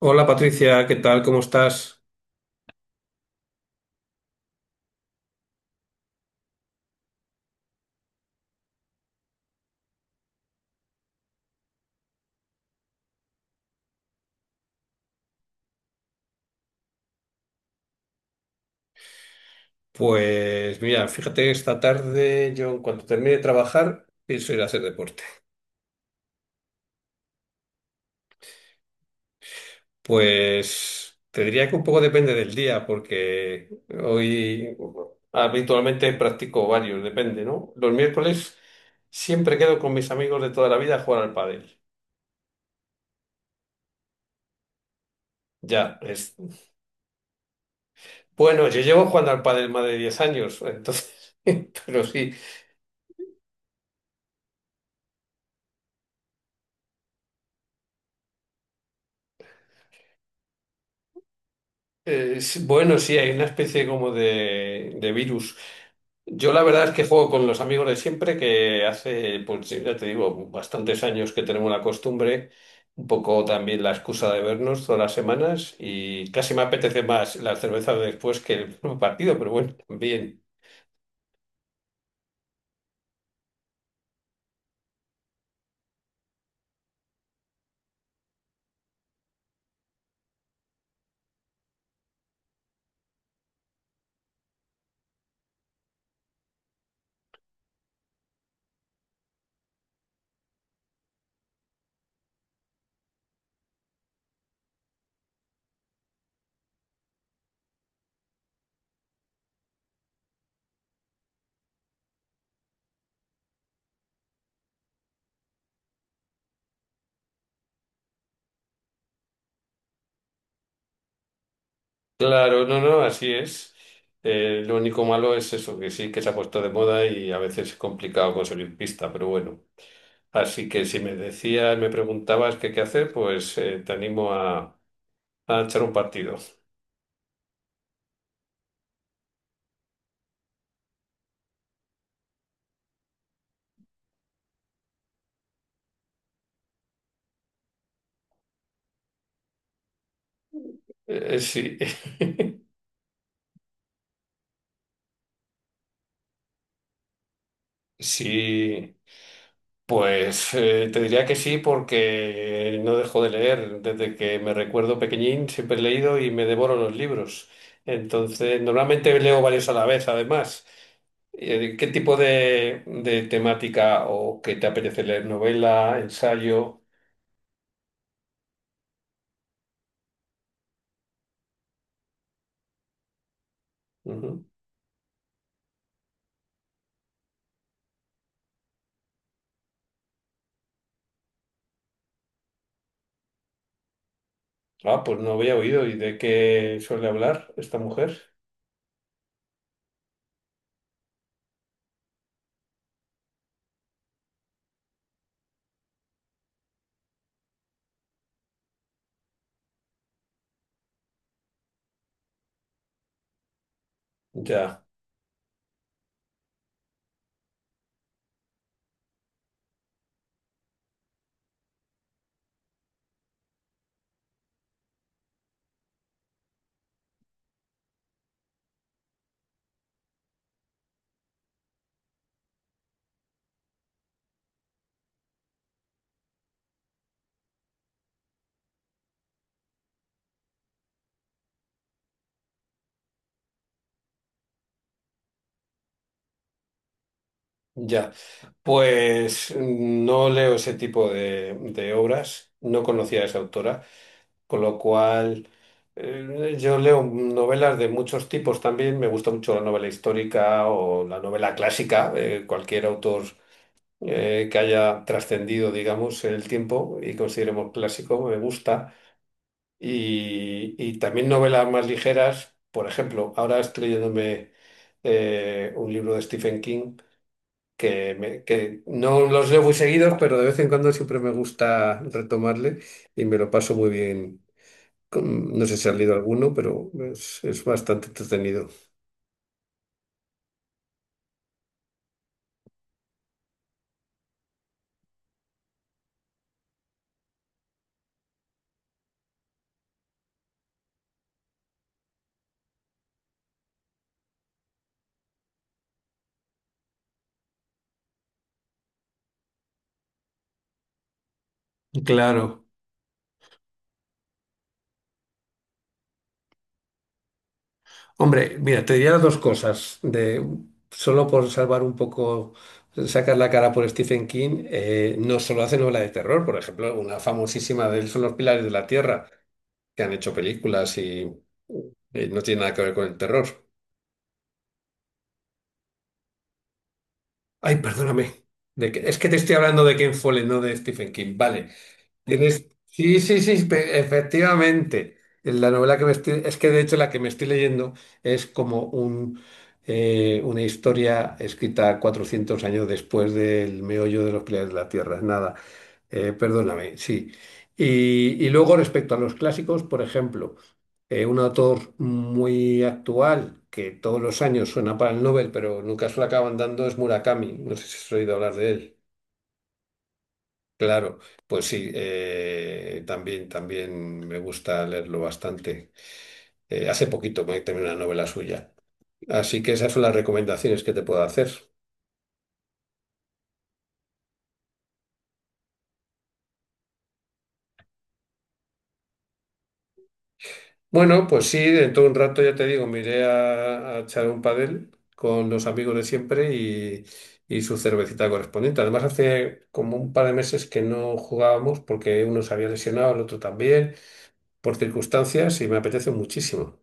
Hola Patricia, ¿qué tal? ¿Cómo estás? Pues mira, fíjate que esta tarde yo cuando termine de trabajar pienso ir a hacer deporte. Pues te diría que un poco depende del día porque hoy habitualmente practico varios, depende, ¿no? Los miércoles siempre quedo con mis amigos de toda la vida a jugar al pádel. Ya, es... Bueno, yo llevo jugando al pádel más de 10 años, entonces, pero sí, sí, bueno, sí, hay una especie como de virus. Yo la verdad es que juego con los amigos de siempre, que hace, pues sí, ya te digo, bastantes años que tenemos la costumbre, un poco también la excusa de vernos todas las semanas y casi me apetece más la cerveza de después que el partido, pero bueno, también. Claro, no, no, así es. Lo único malo es eso, que sí, que se ha puesto de moda y a veces es complicado conseguir pista, pero bueno. Así que si me decías, me preguntabas qué hacer, pues te animo a echar un partido. Sí. Sí, pues te diría que sí porque no dejo de leer. Desde que me recuerdo pequeñín siempre he leído y me devoro los libros. Entonces, normalmente leo varios a la vez, además. ¿Qué tipo de temática o qué te apetece leer? ¿Novela, ensayo? Ujú. Ah, pues no había oído. ¿Y de qué suele hablar esta mujer? Ya, ya. Pues no leo ese tipo de obras. No conocía a esa autora. Con lo cual, yo leo novelas de muchos tipos también. Me gusta mucho la novela histórica o la novela clásica, cualquier autor que haya trascendido, digamos, el tiempo y consideremos clásico, me gusta. Y también novelas más ligeras. Por ejemplo, ahora estoy leyéndome un libro de Stephen King. Que, que no los leo muy seguidos, pero de vez en cuando siempre me gusta retomarle y me lo paso muy bien, no sé si ha leído alguno, pero es bastante entretenido. Claro. Hombre, mira, te diría dos cosas. De, solo por salvar un poco, sacar la cara por Stephen King, no solo hace novela de terror. Por ejemplo, una famosísima de él son Los Pilares de la Tierra, que han hecho películas y no tiene nada que ver con el terror. Ay, perdóname. Es que te estoy hablando de Ken Follett, no de Stephen King. Vale. Sí, sí, sí, efectivamente. La novela que me estoy... Es que de hecho la que me estoy leyendo es como un, una historia escrita 400 años después del meollo de Los Pilares de la Tierra. Es Nada, perdóname, sí. Y, y luego respecto a los clásicos, por ejemplo, un autor muy actual que todos los años suena para el Nobel, pero nunca se lo acaban dando es Murakami. No sé si has oído hablar de él. Claro, pues sí, también, también me gusta leerlo bastante. Hace poquito me terminé una novela suya. Así que esas son las recomendaciones que te puedo hacer. Bueno, pues sí, dentro de un rato ya te digo, me iré a echar un padel con los amigos de siempre y su cervecita correspondiente. Además, hace como un par de meses que no jugábamos porque uno se había lesionado, el otro también, por circunstancias y me apetece muchísimo.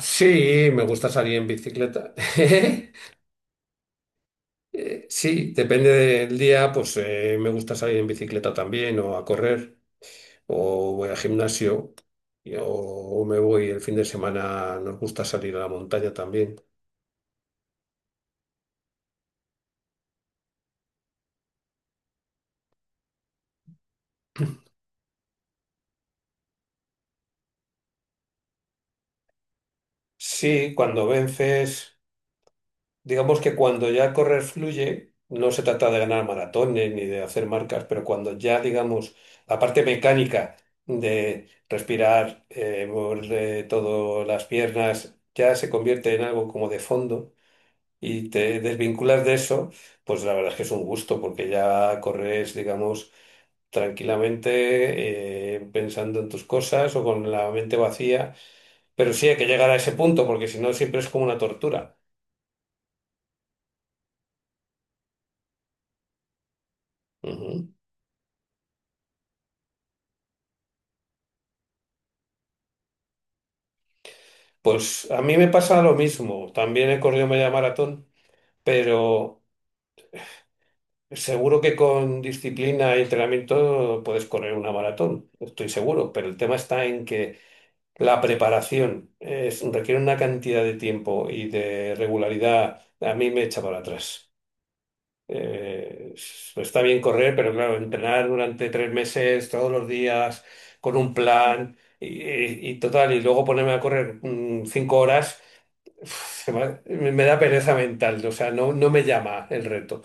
Sí, me gusta salir en bicicleta. Sí, depende del día, pues me gusta salir en bicicleta también o a correr o voy al gimnasio o me voy el fin de semana, nos gusta salir a la montaña también. Sí, cuando vences, digamos que cuando ya correr fluye, no se trata de ganar maratones ni de hacer marcas, pero cuando ya, digamos, la parte mecánica de respirar, mover todas las piernas, ya se convierte en algo como de fondo y te desvinculas de eso, pues la verdad es que es un gusto porque ya corres, digamos, tranquilamente pensando en tus cosas o con la mente vacía, pero sí hay que llegar a ese punto porque si no siempre es como una tortura. Ujú. Pues a mí me pasa lo mismo, también he corrido media maratón, pero seguro que con disciplina y entrenamiento puedes correr una maratón, estoy seguro, pero el tema está en que la preparación requiere una cantidad de tiempo y de regularidad. A mí me echa para atrás. Eh, está bien correr, pero claro, entrenar durante 3 meses, todos los días, con un plan y, y total, y luego ponerme a correr 5 horas, uf, se me, me da pereza mental. O sea, no, no me llama el reto.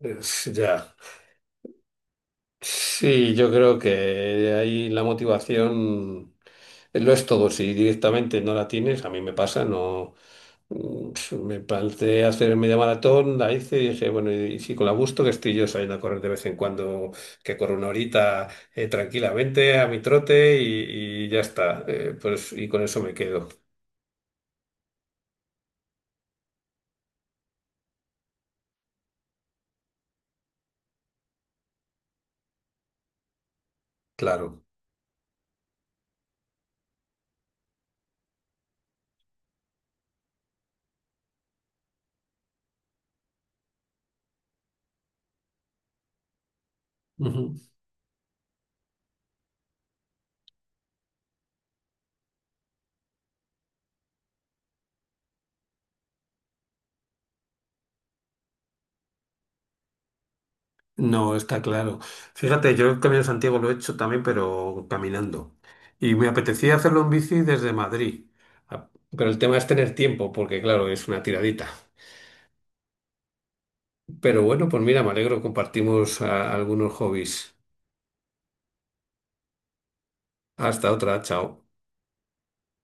Ya. Sí, yo creo que ahí la motivación lo es todo. Si directamente no la tienes, a mí me pasa, no. Mm, me planteé hacer media maratón, la hice y dije, bueno, y si con la gusto que estoy yo saliendo a correr de vez en cuando, que corro una horita tranquilamente a mi trote y ya está. Pues, y con eso me quedo, claro. No, está claro. Fíjate, yo el Camino de Santiago lo he hecho también, pero caminando. Y me apetecía hacerlo en bici desde Madrid. Ah, pero el tema es tener tiempo, porque claro, es una tiradita. Pero bueno, pues mira, me alegro, compartimos ah, algunos hobbies. Hasta otra, chao.